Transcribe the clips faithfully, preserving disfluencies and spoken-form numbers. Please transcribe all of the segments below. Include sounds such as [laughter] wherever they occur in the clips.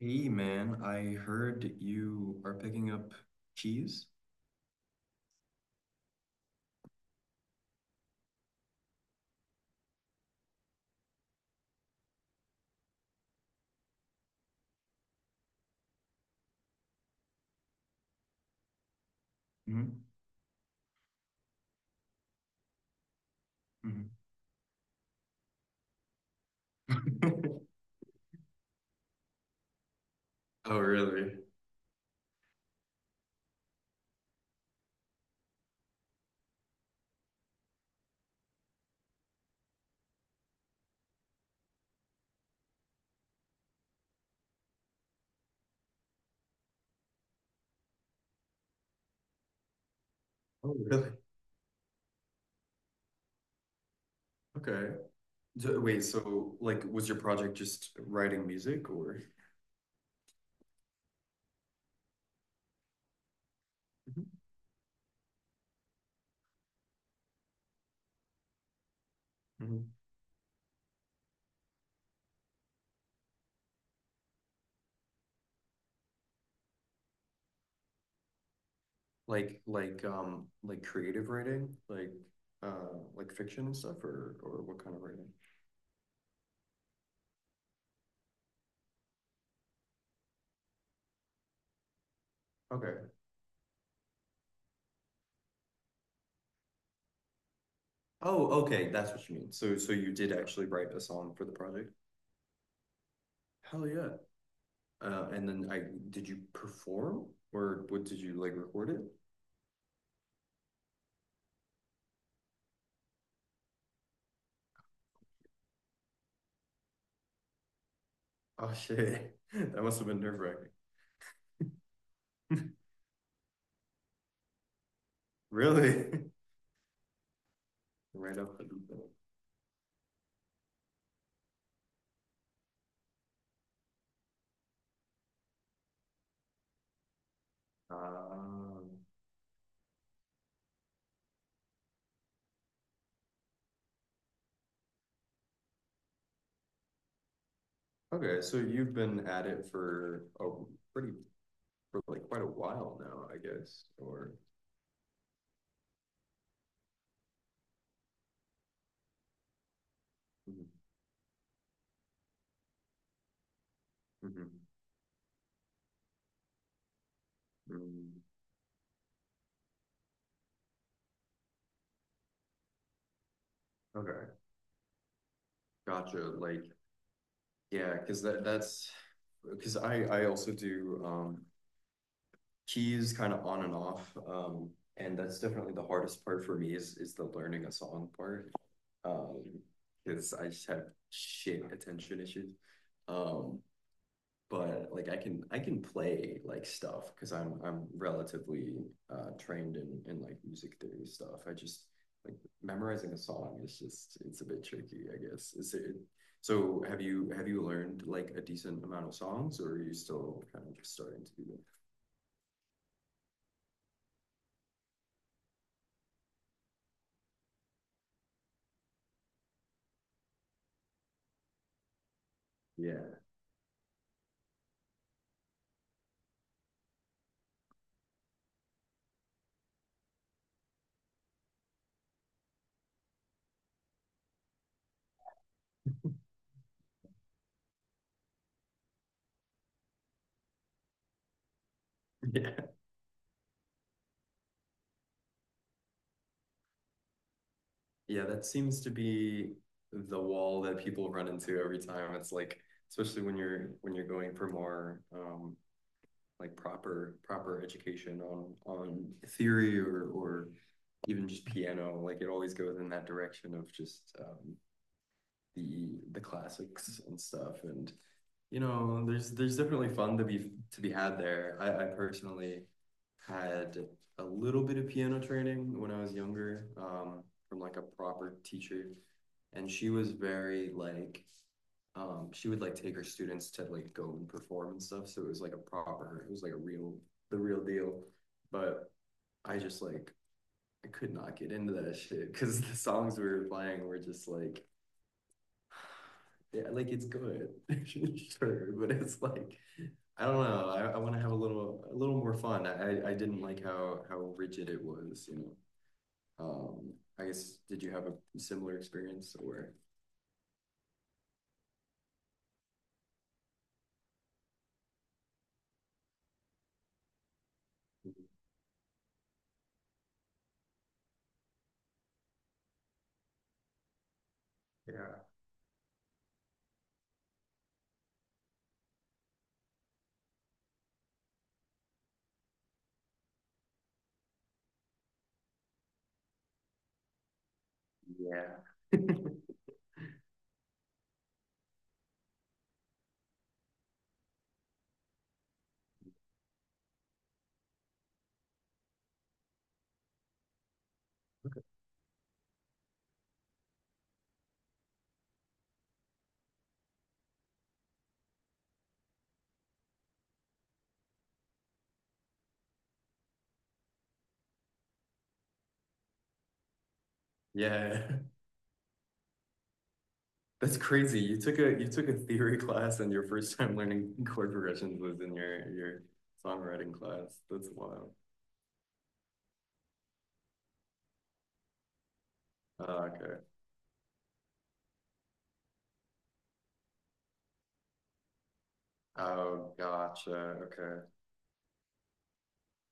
Hey man, I heard you are picking up keys. Hmm. [laughs] Oh, really? Oh, really? Okay. So, wait, so like was your project just writing music or... Mhm. Mhm. Like like um like creative writing? Like uh like fiction and stuff or or what kind of writing? Okay. Oh, okay, that's what you mean. So so you did actually write a song for the project? Hell yeah. Uh, and then I Did you perform or what, did you like record it? Oh shit. [laughs] That must have been nerve wracking. [laughs] Really? [laughs] Right up the deep. Um, okay, so you've been at it for a pretty for like quite a while now, I guess. Or... Mhm. Mhm. Mm. Okay, gotcha. Like yeah, because that that's because I I also do um keys kind of on and off. Um, and that's definitely the hardest part for me is is the learning a song part. Um, because I just have shit attention issues. Um, but like I can I can play like stuff because I'm I'm relatively uh trained in in like music theory stuff. I just like memorizing a song is just it's a bit tricky, I guess. Is it so have you have you learned like a decent amount of songs or are you still kind of just starting to do that? Yeah. [laughs] Yeah. Yeah, that seems to be the wall that people run into every time. It's like, especially when you're when you're going for more um like proper proper education on on theory or or even just piano, like it always goes in that direction of just um the the classics and stuff and you know there's there's definitely fun to be to be had there. i, I personally had a little bit of piano training when I was younger, um, from like a proper teacher, and she was very like, um, she would like take her students to like go and perform and stuff, so it was like a proper, it was like a real, the real deal, but I just like I could not get into that shit because [laughs] the songs we were playing were just like, yeah, like it's good, [laughs] sure, but it's like I don't know. I, I want to have a little a little more fun. I, I didn't like how how rigid it was. You know, um, I guess did you have a similar experience, or? Yeah. Yeah. Yeah. [laughs] That's crazy. You took a you took a theory class and your first time learning [laughs] chord progressions was in your your songwriting class. That's wild. Oh, okay. Oh, gotcha. Okay.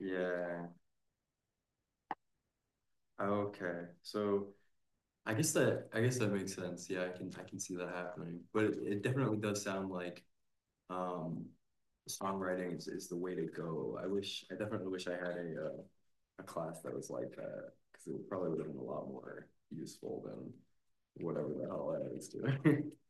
Yeah. Okay. So I guess that I guess that makes sense. Yeah, I can I can see that happening. But it, it definitely does sound like um songwriting is, is the way to go. I wish, I definitely wish I had a uh, a class that was like that because it probably would have been a lot more useful than whatever the hell I was doing. [laughs]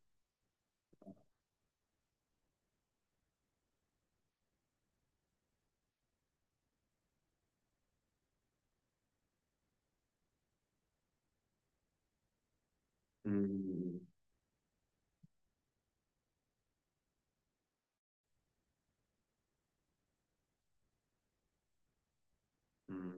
Mm. Mm.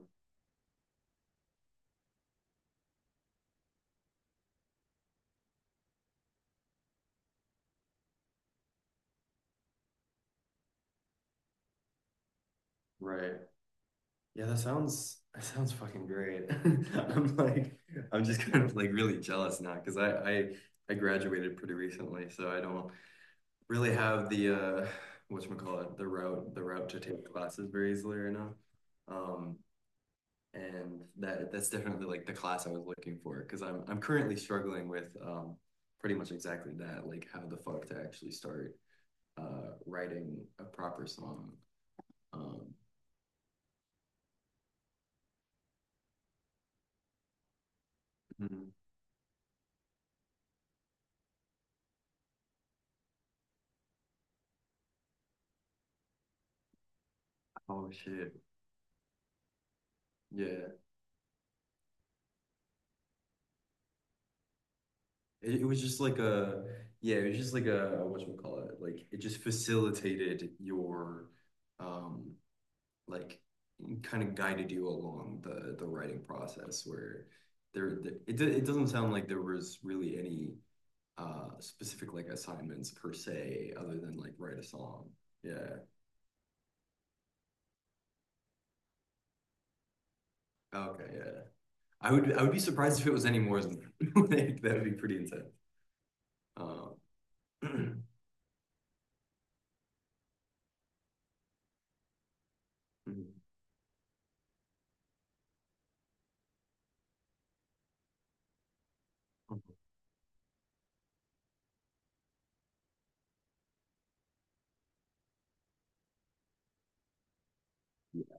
Right. Yeah, that sounds, that sounds fucking great. [laughs] I'm like, I'm just kind of like really jealous now because I I I graduated pretty recently, so I don't really have the uh, whatchamacallit, the route, the route to take classes very easily right now. Um, and that that's definitely like the class I was looking for because I'm I'm currently struggling with um, pretty much exactly that, like how the fuck to actually start uh, writing a proper song. Um, Mhm. Oh shit. Yeah. It, it was just like a, yeah, it was just like a whatchamacallit, like it just facilitated your um like kind of guided you along the the writing process where there, there it, it doesn't sound like there was really any uh specific like assignments per se other than like write a song. Yeah. Okay. Yeah, I would i would be surprised if it was any more than [laughs] like that would be pretty intense. um [clears throat] yeah,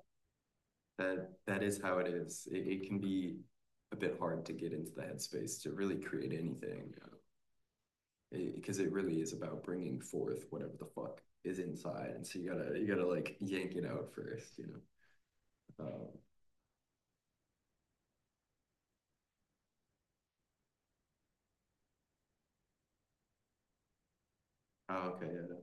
that that is how it is, it, it can be a bit hard to get into the headspace to really create anything, you know? Because it it really is about bringing forth whatever the fuck is inside, and so you gotta you gotta like yank it out first, you know. Um, oh, okay.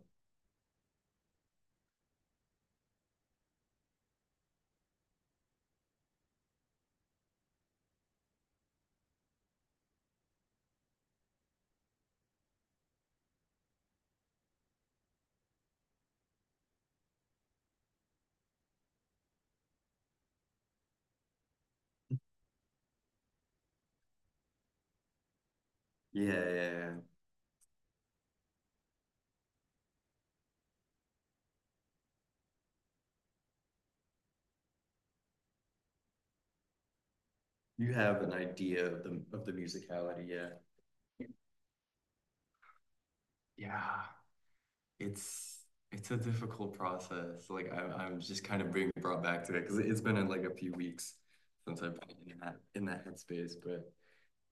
Yeah. Yeah, yeah, yeah. You have an idea of the of the musicality, yeah. Yeah. it's it's a difficult process, like I, I'm just kind of being brought back to it because it's been in like a few weeks since I've been in that in that headspace, but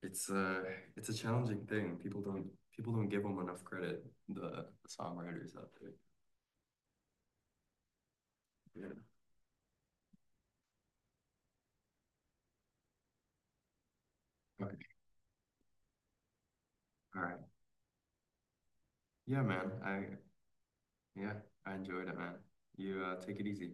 it's uh it's a challenging thing, people don't, people don't give them enough credit, the, the songwriters out there. Yeah. Okay. All right. Yeah, man. I, yeah, I enjoyed it, man. You, uh, take it easy.